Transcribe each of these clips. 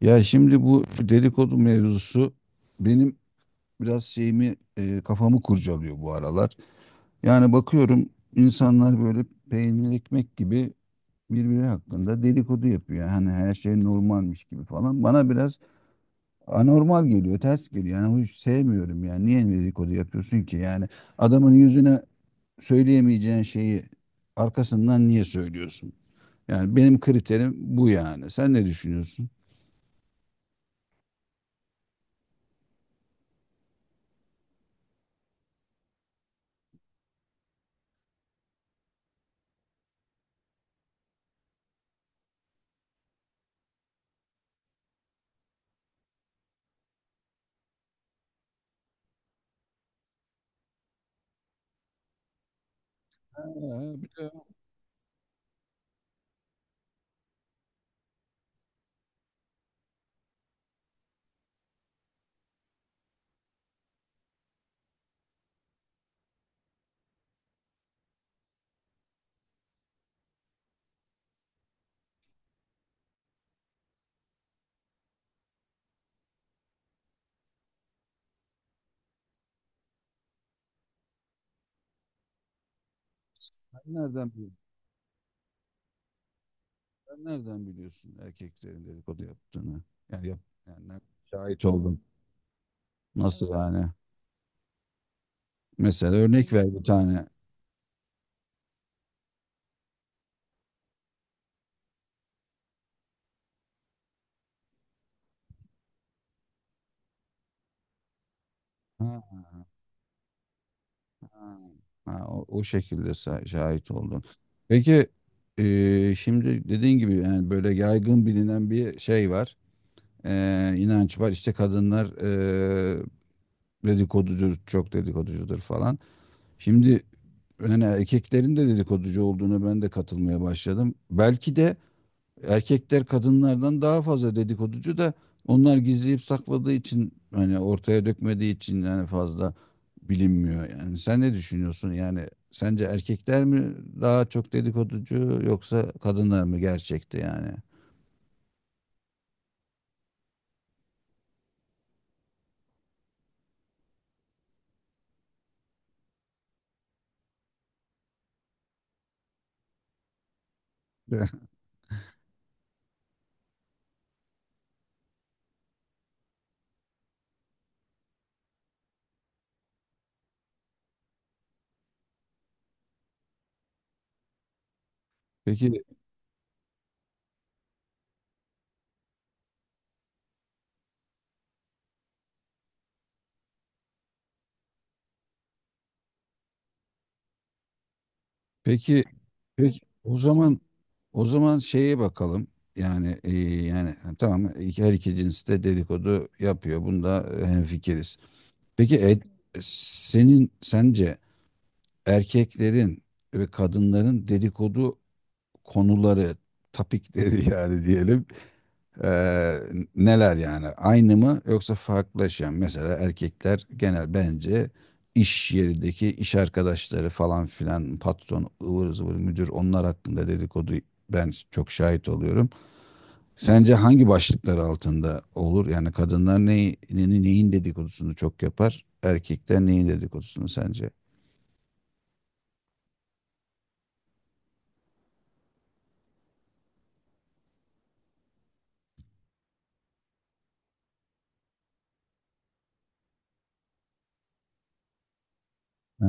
Ya şimdi bu dedikodu mevzusu benim biraz kafamı kurcalıyor bu aralar. Yani bakıyorum insanlar böyle peynir ekmek gibi birbiri hakkında dedikodu yapıyor. Hani her şey normalmiş gibi falan. Bana biraz anormal geliyor, ters geliyor. Yani hiç sevmiyorum yani. Niye dedikodu yapıyorsun ki? Yani adamın yüzüne söyleyemeyeceğin şeyi arkasından niye söylüyorsun? Yani benim kriterim bu yani. Sen ne düşünüyorsun? Ha, bir de nereden biliyorsun? Sen nereden biliyorsun erkeklerin dedikodu yaptığını? Yani yap, yani ne- şahit oldum. Nasıl yani? Mesela örnek ver bir tane. Ha, ha, o şekilde şahit oldum. Peki şimdi dediğin gibi yani böyle yaygın bilinen bir şey var. E, inanç var. İşte kadınlar dedikoducudur, çok dedikoducudur falan. Şimdi yani erkeklerin de dedikoducu olduğuna ben de katılmaya başladım. Belki de erkekler kadınlardan daha fazla dedikoducu da onlar gizleyip sakladığı için hani ortaya dökmediği için yani fazla bilinmiyor. Yani sen ne düşünüyorsun? Yani sence erkekler mi daha çok dedikoducu yoksa kadınlar mı gerçekte yani? Peki peki peki o zaman şeye bakalım. Yani yani tamam her iki cins de dedikodu yapıyor. Bunda hemfikiriz. Peki senin sence erkeklerin ve kadınların dedikodu konuları, topikleri yani diyelim eee, neler yani? Aynı mı yoksa farklılaşan? Mesela erkekler genel bence iş yerindeki iş arkadaşları falan filan patron, ıvır zıvır müdür onlar hakkında dedikodu ben çok şahit oluyorum. Sence hangi başlıklar altında olur? Yani kadınlar neyi, neyin neyin dedikodusunu çok yapar? Erkekler neyin dedikodusunu sence? Ha,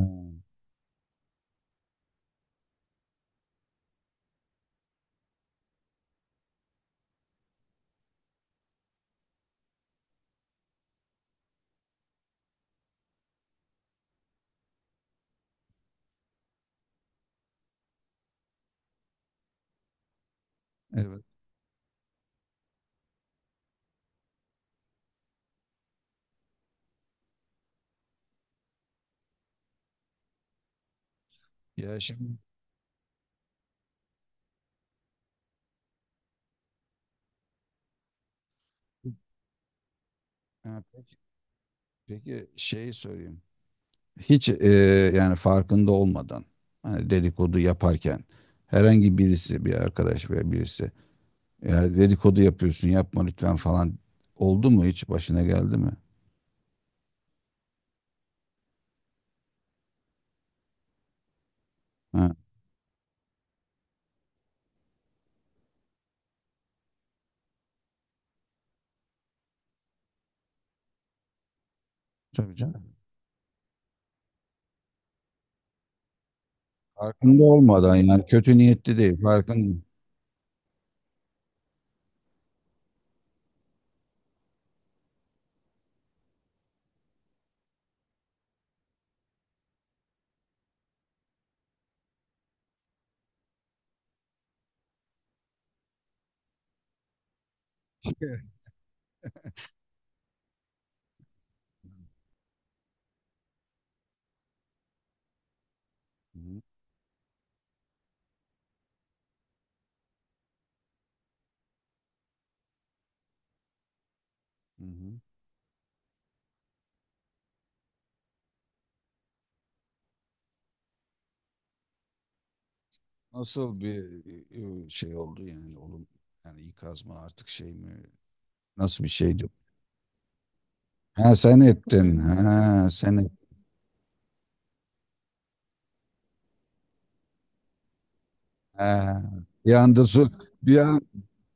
evet. Ya şimdi Ha, peki, peki şeyi söyleyeyim. Hiç yani farkında olmadan hani dedikodu yaparken herhangi birisi bir arkadaş veya birisi ya dedikodu yapıyorsun yapma lütfen falan oldu mu hiç başına geldi mi? Ha, tabii canım. Farkında olmadan yani kötü niyetli değil farkında. Evet. Hı hı, hı hı. Nasıl bir şey oldu yani oğlum yani ikaz mı artık şey mi nasıl bir şeydi? Ha sen ettin. Ha sen. Ha, bir anda su bir an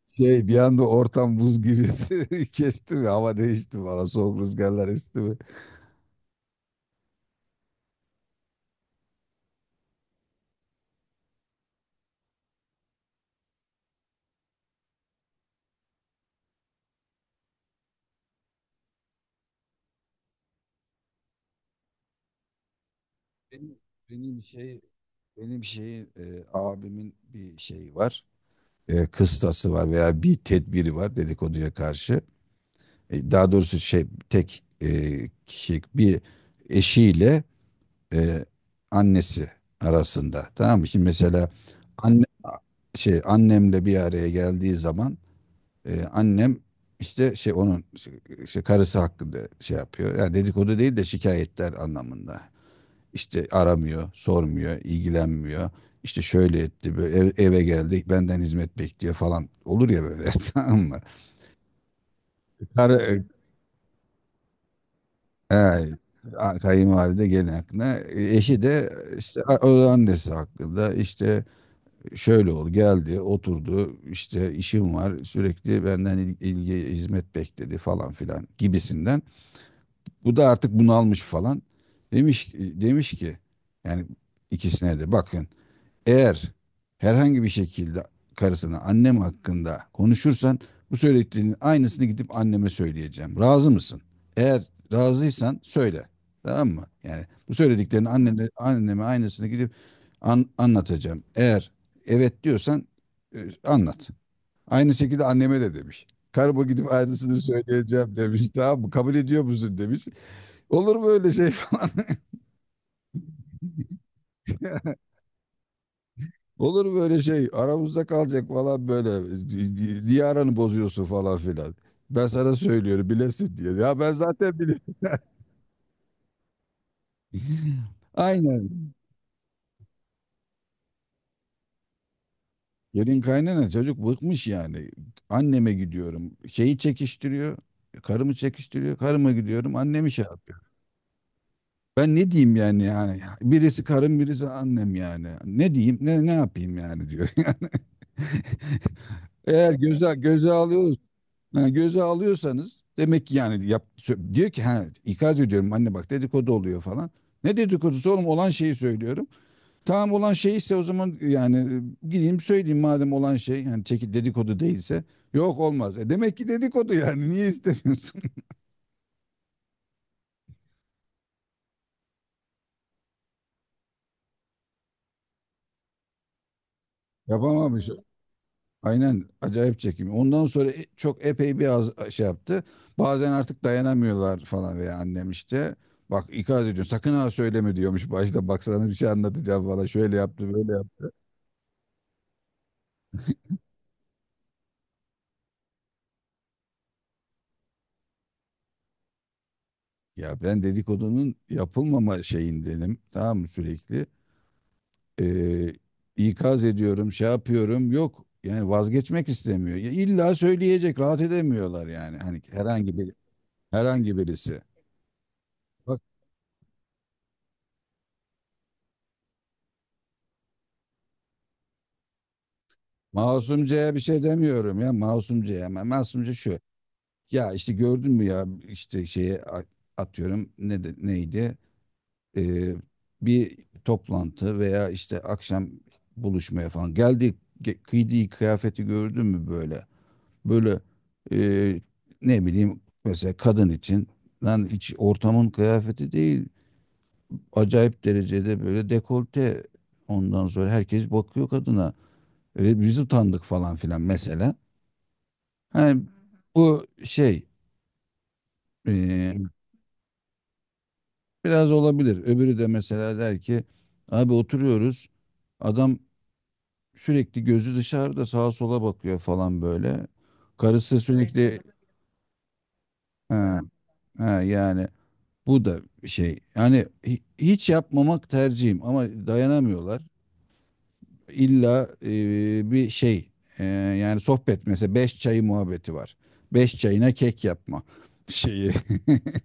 şey bir anda ortam buz gibi kesti mi? Hava değişti mi? Valla soğuk rüzgarlar esti mi? Benim, benim şey benim şeyin e, abimin bir şeyi var. E, kıstası var veya bir tedbiri var dedikoduya karşı. E, daha doğrusu şey tek kişi bir eşiyle e, annesi arasında. Tamam mı? Şimdi mesela anne şey annemle bir araya geldiği zaman annem işte şey onun işte karısı hakkında şey yapıyor. Yani dedikodu değil de şikayetler anlamında. İşte aramıyor, sormuyor, ilgilenmiyor. İşte şöyle etti, böyle eve geldik, benden hizmet bekliyor falan. Olur ya böyle, tamam mı? Karı, kayınvalide gelin hakkında. E, eşi de işte o annesi hakkında işte şöyle oldu geldi oturdu işte işim var sürekli benden ilgi hizmet bekledi falan filan gibisinden. Bu da artık bunalmış falan. Demiş ki yani ikisine de bakın eğer herhangi bir şekilde karısına annem hakkında konuşursan bu söylediklerinin aynısını gidip anneme söyleyeceğim. Razı mısın? Eğer razıysan söyle. Tamam mı? Yani bu söylediklerini annene, anneme aynısını gidip anlatacağım. Eğer evet diyorsan anlat. Aynı şekilde anneme de demiş. Karıma gidip aynısını söyleyeceğim demiş. Tamam mı? Kabul ediyor musun demiş. Olur mu öyle şey falan. Olur böyle şey aramızda kalacak falan böyle niye aranı bozuyorsun falan filan. Ben sana söylüyorum bilesin diye. Ya ben zaten biliyorum. Aynen. Gelin kaynana çocuk bıkmış yani. Anneme gidiyorum. Şeyi çekiştiriyor. Karımı çekiştiriyor. Karıma gidiyorum. Annemi şey yapıyor. Ben ne diyeyim yani yani. Birisi karım birisi annem yani. Ne diyeyim ne ne yapayım yani diyor. Yani. Eğer göze alıyor ha, göze alıyorsanız demek ki yani diyor ki ha ikaz ediyorum anne bak dedikodu oluyor falan. Ne dedikodusu oğlum olan şeyi söylüyorum. Tamam olan şey ise o zaman yani gideyim söyleyeyim madem olan şey yani çekip dedikodu değilse. Yok olmaz. E demek ki dedikodu yani niye istemiyorsun? Yapamamış. Aynen acayip çekim. Ondan sonra çok epey bir az şey yaptı. Bazen artık dayanamıyorlar falan veya annem işte. Bak ikaz ediyor sakın ha söyleme diyormuş başta baksana bir şey anlatacağım falan şöyle yaptı böyle yaptı. Ya ben dedikodunun yapılmama şeyindenim. Tamam mı sürekli? Ee, ikaz ediyorum, şey yapıyorum. Yok. Yani vazgeçmek istemiyor. Ya illa söyleyecek, rahat edemiyorlar yani. Hani herhangi bir herhangi birisi. Bak masumcaya bir şey demiyorum ya. Masumcaya ama masumca şu. Ya işte gördün mü ya işte şeye atıyorum ne neydi? Ee, bir toplantı veya işte akşam buluşmaya falan geldik giydiği kıyafeti gördün mü böyle böyle e, ne bileyim mesela kadın için lan hiç ortamın kıyafeti değil. Acayip derecede böyle dekolte ondan sonra herkes bakıyor kadına. Öyle biz utandık falan filan mesela. Hani bu şey e, biraz olabilir. Öbürü de mesela der ki abi oturuyoruz adam sürekli gözü dışarıda sağa sola bakıyor falan böyle. Karısı sürekli ha, ha, yani bu da şey yani hiç yapmamak tercihim ama dayanamıyorlar. İlla bir şey yani sohbet mesela beş çayı muhabbeti var. Beş çayına kek yapma şeyi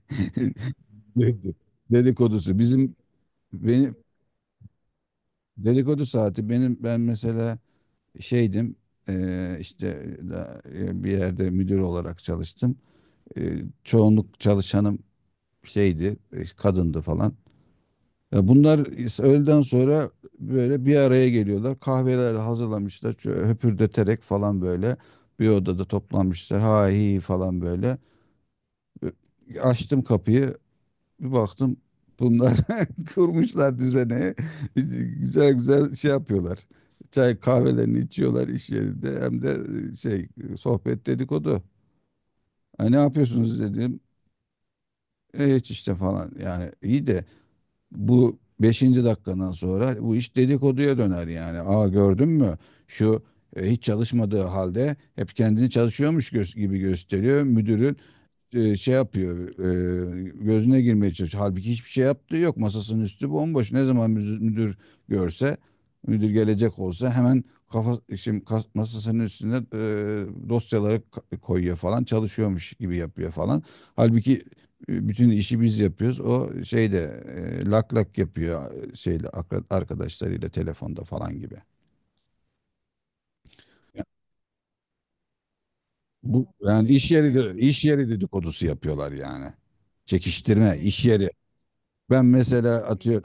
dedi- dedikodusu. Benim dedikodu saati benim ben mesela şeydim işte bir yerde müdür olarak çalıştım. E, çoğunluk çalışanım şeydi kadındı falan. Ya bunlar öğleden sonra böyle bir araya geliyorlar. Kahveler hazırlamışlar. Şöyle höpürdeterek falan böyle bir odada toplanmışlar. Ha hi falan böyle. Ö- Açtım kapıyı. Bir baktım bunlar kurmuşlar düzene. Güzel güzel şey yapıyorlar. Çay kahvelerini içiyorlar iş yerinde. Hem de şey sohbet dedikodu. Ha, ne yapıyorsunuz dedim. E, hiç işte falan. Yani iyi de bu beşinci dakikandan sonra bu iş dedikoduya döner yani. Aa gördün mü? Şu hiç çalışmadığı halde hep kendini çalışıyormuş gibi gösteriyor. Müdürü şey yapıyor gözüne girmeye çalışıyor. Halbuki hiçbir şey yaptığı yok. Masasının üstü bomboş. Ne zaman müdür görse müdür gelecek olsa hemen kafa şimdi masasının üstüne dosyaları koyuyor falan çalışıyormuş gibi yapıyor falan. Halbuki bütün işi biz yapıyoruz. O şeyde lak lak yapıyor şeyle arkadaşlarıyla telefonda falan gibi. Bu yani iş yeri dedikodusu yapıyorlar yani. Çekiştirme, iş yeri. Ben mesela atıyor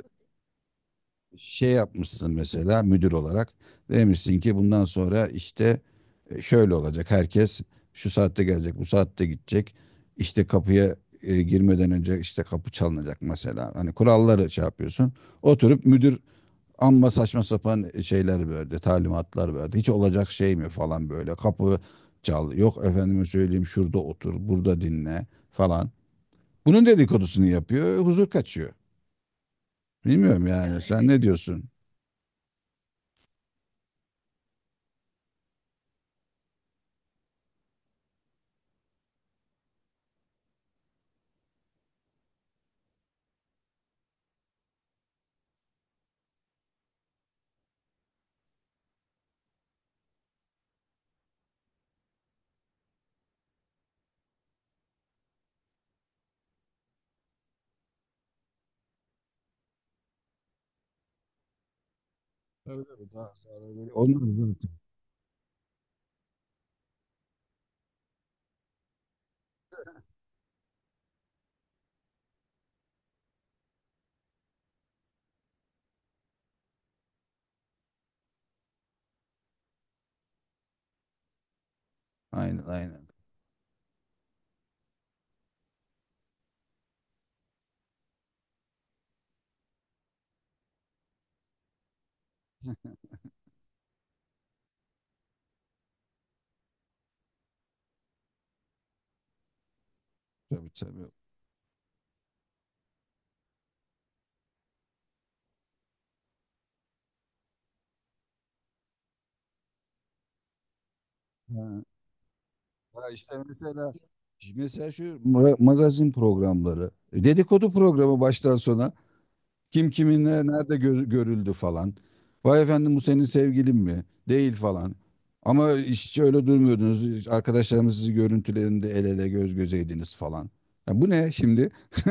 şey yapmışsın mesela müdür olarak demişsin ki bundan sonra işte şöyle olacak herkes şu saatte gelecek bu saatte gidecek işte kapıya girmeden önce işte kapı çalınacak mesela hani kuralları şey yapıyorsun oturup müdür amma saçma sapan şeyler verdi talimatlar verdi hiç olacak şey mi falan böyle kapı çal yok efendime söyleyeyim şurada otur burada dinle falan bunun dedikodusunu yapıyor huzur kaçıyor. Bilmiyorum yani. Sen ne diyorsun? Tabii tabii. Daha sonra böyle onlar zaten. Aynen aynen. Tabii tabii. Ha, ha işte mesela mesela şu magazin programları, e, dedikodu programı baştan sona kim kiminle nerede görüldü falan. Vay efendim bu senin sevgilin mi? Değil falan. Ama hiç öyle durmuyordunuz. Hiç arkadaşlarımız sizi görüntülerinde el ele göz gözeydiniz falan. Ya bu ne şimdi?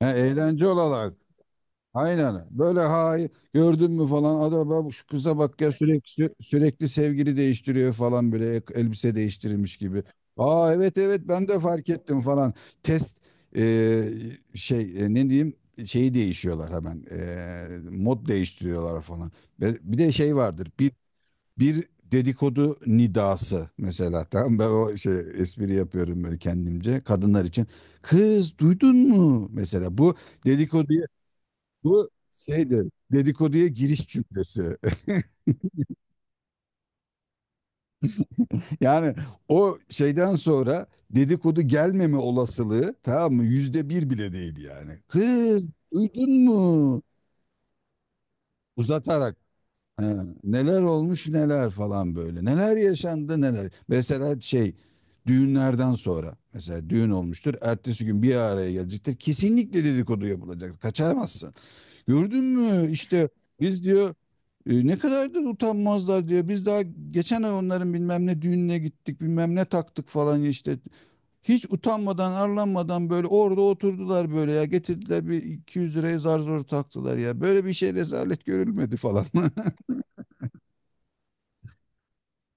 Ha, eğlence olarak. Aynen. Böyle ha gördün mü falan adam bak şu kıza bak ya sürekli sürekli sevgili değiştiriyor falan böyle elbise değiştirilmiş gibi. Aa evet evet ben de fark ettim falan. Test e, şey ne diyeyim şeyi değişiyorlar hemen. E, mod değiştiriyorlar falan. Ve bir de şey vardır. Bir dedikodu nidası mesela tamam ben o şey espri yapıyorum böyle kendimce kadınlar için. Kız duydun mu mesela bu dedikodu bu şeydi dedikoduya giriş cümlesi. Yani o şeyden sonra dedikodu gelmeme olasılığı tamam mı %1 bile değil yani. Kız duydun mu? Uzatarak "He, neler olmuş neler falan böyle. Neler yaşandı neler. Mesela şey düğünlerden sonra mesela düğün olmuştur. Ertesi gün bir araya gelecektir. Kesinlikle dedikodu yapılacak. Kaçamazsın. Gördün mü işte biz diyor ne kadar da utanmazlar diyor. Biz daha geçen ay onların bilmem ne düğününe gittik bilmem ne taktık falan işte. Hiç utanmadan arlanmadan böyle orada oturdular böyle ya getirdiler bir 200 liraya zar zor taktılar ya. Böyle bir şey rezalet görülmedi falan.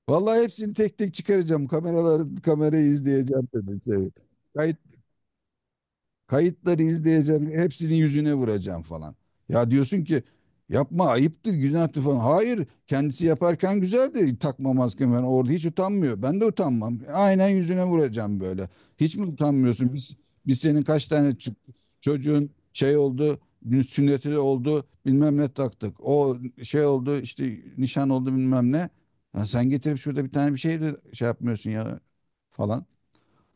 Vallahi hepsini tek tek çıkaracağım kameraları kamerayı izleyeceğim dedi şey. Kayıt Kayıtları izleyeceğim, hepsinin yüzüne vuracağım falan. Ya diyorsun ki yapma ayıptır, günahtır falan. Hayır, kendisi yaparken güzeldi takma maske falan. Orada hiç utanmıyor. Ben de utanmam. Aynen yüzüne vuracağım böyle. Hiç mi utanmıyorsun? Biz senin kaç tane çocuğun şey oldu, sünneti oldu, bilmem ne taktık. O şey oldu, işte nişan oldu bilmem ne. Ya sen getirip şurada bir tane bir şey de şey yapmıyorsun ya falan.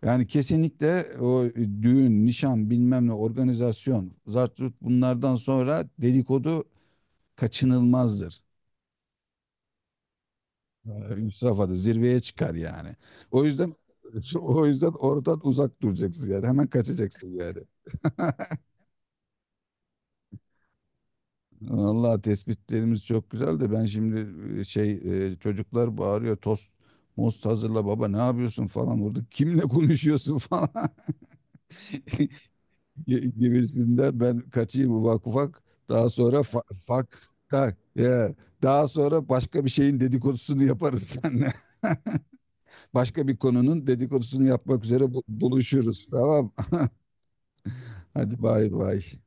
Yani kesinlikle o düğün, nişan, bilmem ne, organizasyon, zartut bunlardan sonra dedikodu kaçınılmazdır. Üst safhada zirveye çıkar yani. O yüzden o yüzden oradan uzak duracaksın yani. Hemen kaçacaksın yani. Vallahi tespitlerimiz çok güzel de ben şimdi şey çocuklar bağırıyor tost most hazırla baba ne yapıyorsun falan orada kimle konuşuyorsun falan gibisinden ben kaçayım ufak ufak. Daha sonra da- ya, daha sonra başka bir şeyin dedikodusunu yaparız seninle. Başka bir konunun dedikodusunu yapmak üzere buluşuruz. Tamam. Hadi bay bay.